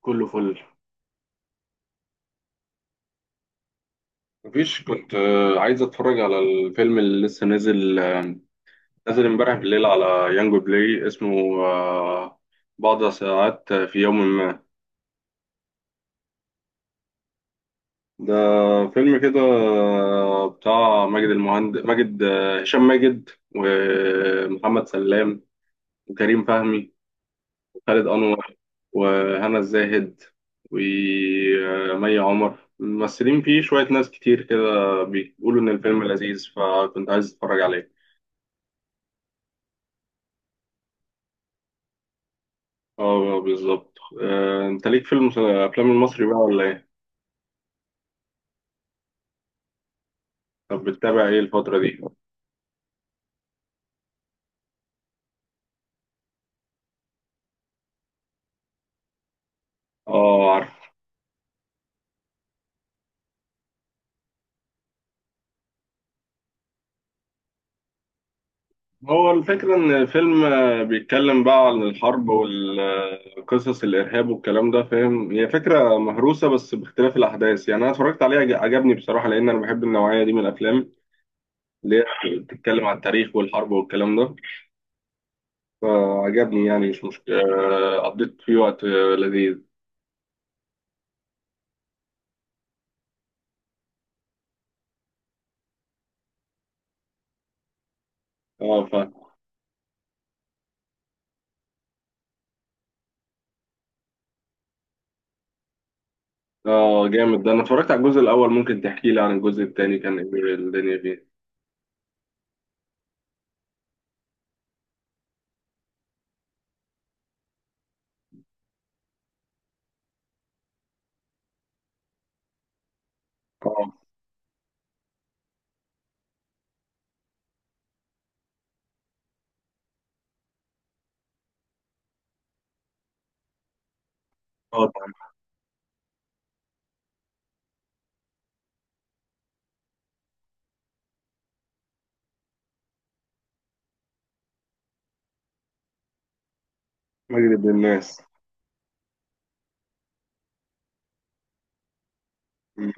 كله فل. مفيش، كنت عايز اتفرج على الفيلم اللي لسه نازل، نازل امبارح بالليل على يانجو بلاي. اسمه بعض ساعات في يوم ما. ده فيلم كده، بتاع ماجد المهندس، ماجد هشام ماجد ومحمد سلام وكريم فهمي وخالد انور وهنا الزاهد ومي عمر. ممثلين فيه شوية ناس كتير كده، بيقولوا إن الفيلم لذيذ فكنت عايز أتفرج عليه. اه بالظبط. انت ليك فيلم افلام المصري بقى ولا ايه؟ طب بتتابع ايه الفترة دي؟ اه عارف. هو الفكرة ان الفيلم بيتكلم بقى عن الحرب والقصص الارهاب والكلام ده، فاهم؟ هي فكرة مهروسة بس باختلاف الاحداث. يعني انا اتفرجت عليه عجبني بصراحة لان انا بحب النوعية دي من الافلام اللي هي بتتكلم عن التاريخ والحرب والكلام ده. فعجبني يعني، مش مشكلة. قضيت فيه وقت لذيذ. اه. اه جامد. ده انا اتفرجت على الجزء الاول، ممكن تحكي لي عن الجزء الثاني كان ايه الدنيا فيه؟ اه. اه طبعا. مجلد الناس. مم.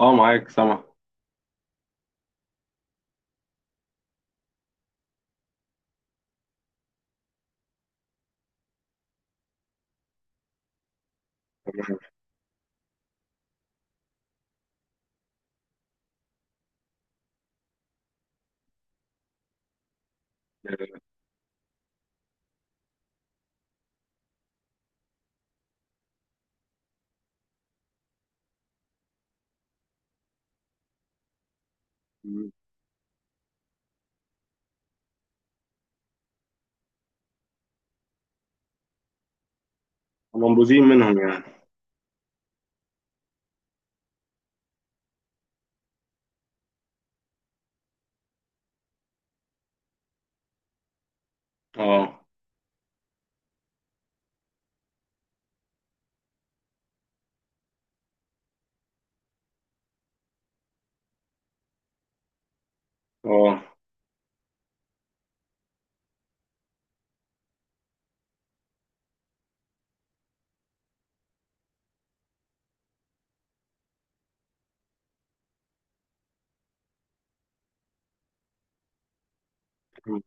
اه معاك سامع. تمام. مم. منبوذين منهم يعني. اه. اه. مم.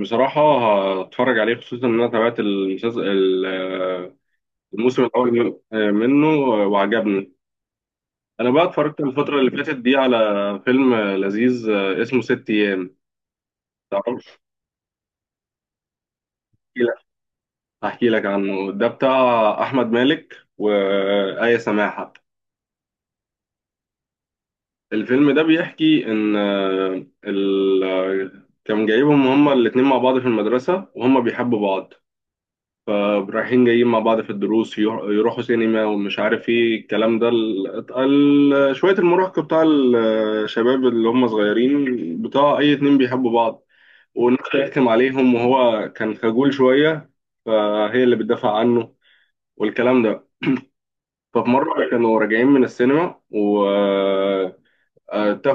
بصراحة هتفرج عليه، خصوصا ان انا تابعت المسلسل الموسم الاول منه، وعجبني. انا بقى اتفرجت الفترة اللي فاتت دي على فيلم لذيذ اسمه ست ايام. تعرفش؟ هحكي لك عنه. ده بتاع أحمد مالك وآية سماحة. الفيلم ده بيحكي إن آه، ال... آه، كان جايبهم هما الاتنين مع بعض في المدرسة وهما بيحبوا بعض. فرايحين جايين مع بعض في الدروس، يروحوا سينما ومش عارف ايه الكلام ده، شوية المراهقة بتاع الشباب اللي هما صغيرين، بتاع أي اتنين بيحبوا بعض. والناس بتحكم عليهم وهو كان خجول شوية فهي اللي بتدافع عنه والكلام ده. ففي مرة كانوا راجعين من السينما، واتفقوا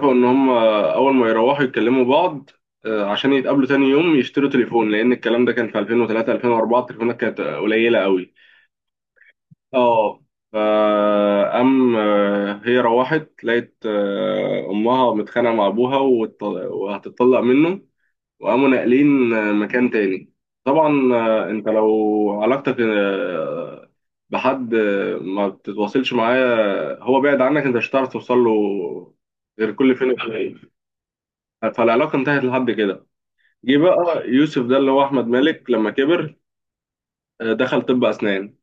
إن هم أول ما يروحوا يتكلموا بعض عشان يتقابلوا تاني يوم يشتروا تليفون، لأن الكلام ده كان في 2003 2004، التليفونات كانت قليلة قوي. اه. فقام هي روحت لقيت أمها متخانقة مع أبوها وهتتطلق منه، وقاموا ناقلين مكان تاني. طبعا انت لو علاقتك بحد ما بتتواصلش معاه، هو بعد عنك، انت مش هتعرف توصل له غير كل فين وفين. فالعلاقه انتهت لحد كده. جه بقى يوسف ده اللي هو احمد مالك لما كبر، دخل طب اسنان.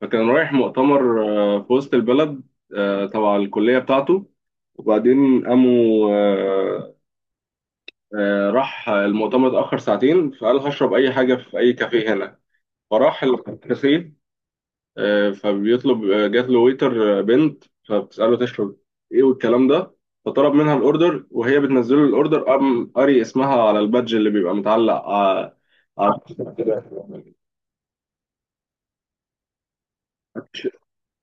فكان رايح مؤتمر في وسط البلد تبع الكليه بتاعته. وبعدين قاموا راح المؤتمر اتأخر ساعتين، فقال هشرب أي حاجة في أي كافيه هنا. فراح الكافيه. فبيطلب. جات له ويتر بنت، فبتسأله تشرب ايه والكلام ده. فطلب منها الاوردر، وهي بتنزل له الاوردر قام قاري اسمها على البادج اللي بيبقى متعلق على على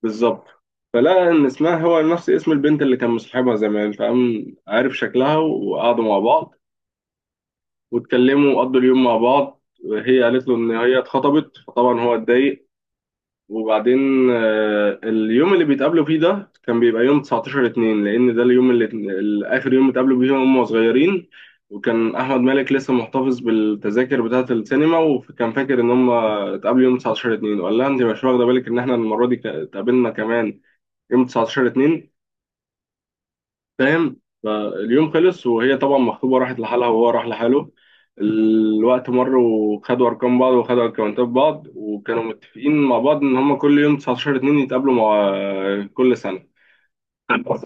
بالظبط. فلقى ان اسمها هو نفس اسم البنت اللي كان مصاحبها زمان، فقام عارف شكلها وقعدوا مع بعض واتكلموا وقضوا اليوم مع بعض. هي قالت له ان هي اتخطبت فطبعا هو اتضايق. وبعدين اليوم اللي بيتقابلوا فيه ده كان بيبقى يوم 19 2، لأن ده اليوم اللي آخر يوم اتقابلوا فيه هم صغيرين. وكان أحمد مالك لسه محتفظ بالتذاكر بتاعة السينما، وكان فاكر إن هم اتقابلوا يوم 19 2. وقال لها أنت مش واخدة بالك إن إحنا المرة دي اتقابلنا كمان يوم 19 2، فاهم؟ فاليوم خلص، وهي طبعا مخطوبة راحت لحالها وهو راح لحاله. الوقت مر، وخدوا أرقام بعض وخدوا أكونتات بعض، وكانوا متفقين مع بعض إن هما كل يوم 19 اتنين يتقابلوا مع كل سنة. بس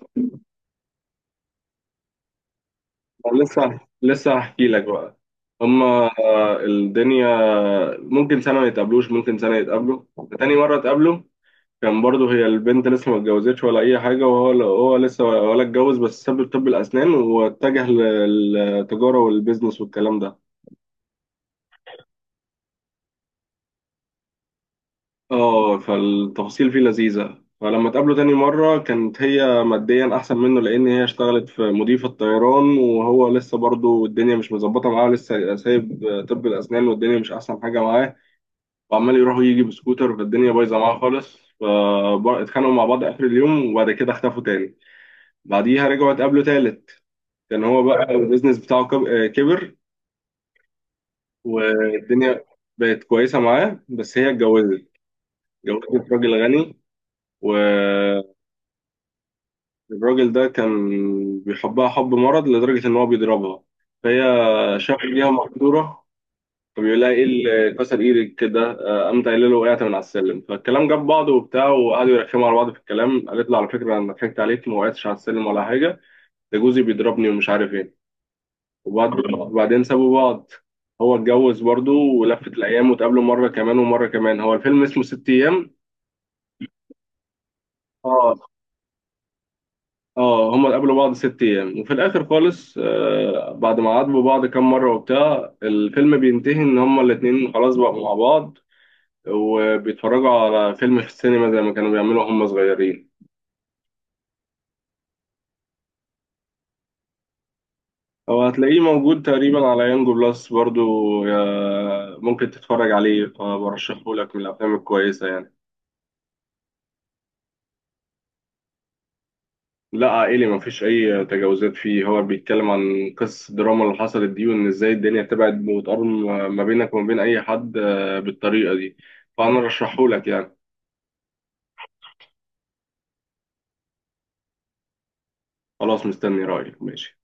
لسه لسه هحكي لك بقى. هما الدنيا ممكن سنة ما يتقابلوش، ممكن سنة يتقابلوا. تاني مرة اتقابلوا كان برضه هي البنت لسه ما اتجوزتش ولا اي حاجه، وهو لسه ولا اتجوز بس ساب طب الاسنان واتجه للتجاره والبيزنس والكلام ده. اه. فالتفاصيل فيه لذيذه. فلما اتقابلوا تاني مره كانت هي ماديا احسن منه، لان هي اشتغلت في مضيفه طيران، وهو لسه برضه الدنيا مش مظبطه معاه، لسه سايب طب الاسنان والدنيا مش احسن حاجه معاه، وعمال يروح ويجي بسكوتر. فالدنيا بايظه معاه خالص، فاتخانقوا مع بعض اخر اليوم، وبعد كده اختفوا تاني. بعديها رجعوا اتقابلوا تالت. كان هو بقى البيزنس بتاعه كبر، والدنيا بقت كويسة معاه، بس هي اتجوزت. اتجوزت راجل غني، والراجل ده كان بيحبها حب مرض لدرجة إن هو بيضربها. فهي شافت بيها مقدورة. فبيقول لها إيه اللي كسر إيدك كده؟ قامت قايلة له وقعت من على السلم، فالكلام جاب بعضه وبتاع وقعدوا يرخموا على بعض في الكلام. قالت له على فكرة أنا ضحكت عليك، ما وقعتش على السلم ولا حاجة، ده جوزي بيضربني ومش عارف إيه. وبعدين سابوا بعض. هو اتجوز برضه ولفت الأيام واتقابلوا مرة كمان ومرة كمان. هو الفيلم اسمه ست أيام. اه. اه هما اتقابلوا بعض ست أيام، وفي الآخر خالص آه بعد ما عاتبوا بعض كام مرة وبتاع، الفيلم بينتهي إن هما الاتنين خلاص بقوا مع بعض وبيتفرجوا على فيلم في السينما زي ما كانوا بيعملوا هما صغيرين. هو هتلاقيه موجود تقريبا على يانجو بلس برضو، ممكن تتفرج عليه. فبرشحه لك من الأفلام الكويسة يعني. لا عائلي، مفيش أي تجاوزات فيه. هو بيتكلم عن قصة الدراما اللي حصلت دي، وإن إزاي الدنيا تبعد وتقرب ما بينك وما بين أي حد بالطريقة دي. فأنا رشحهولك يعني. خلاص مستني رأيك. ماشي.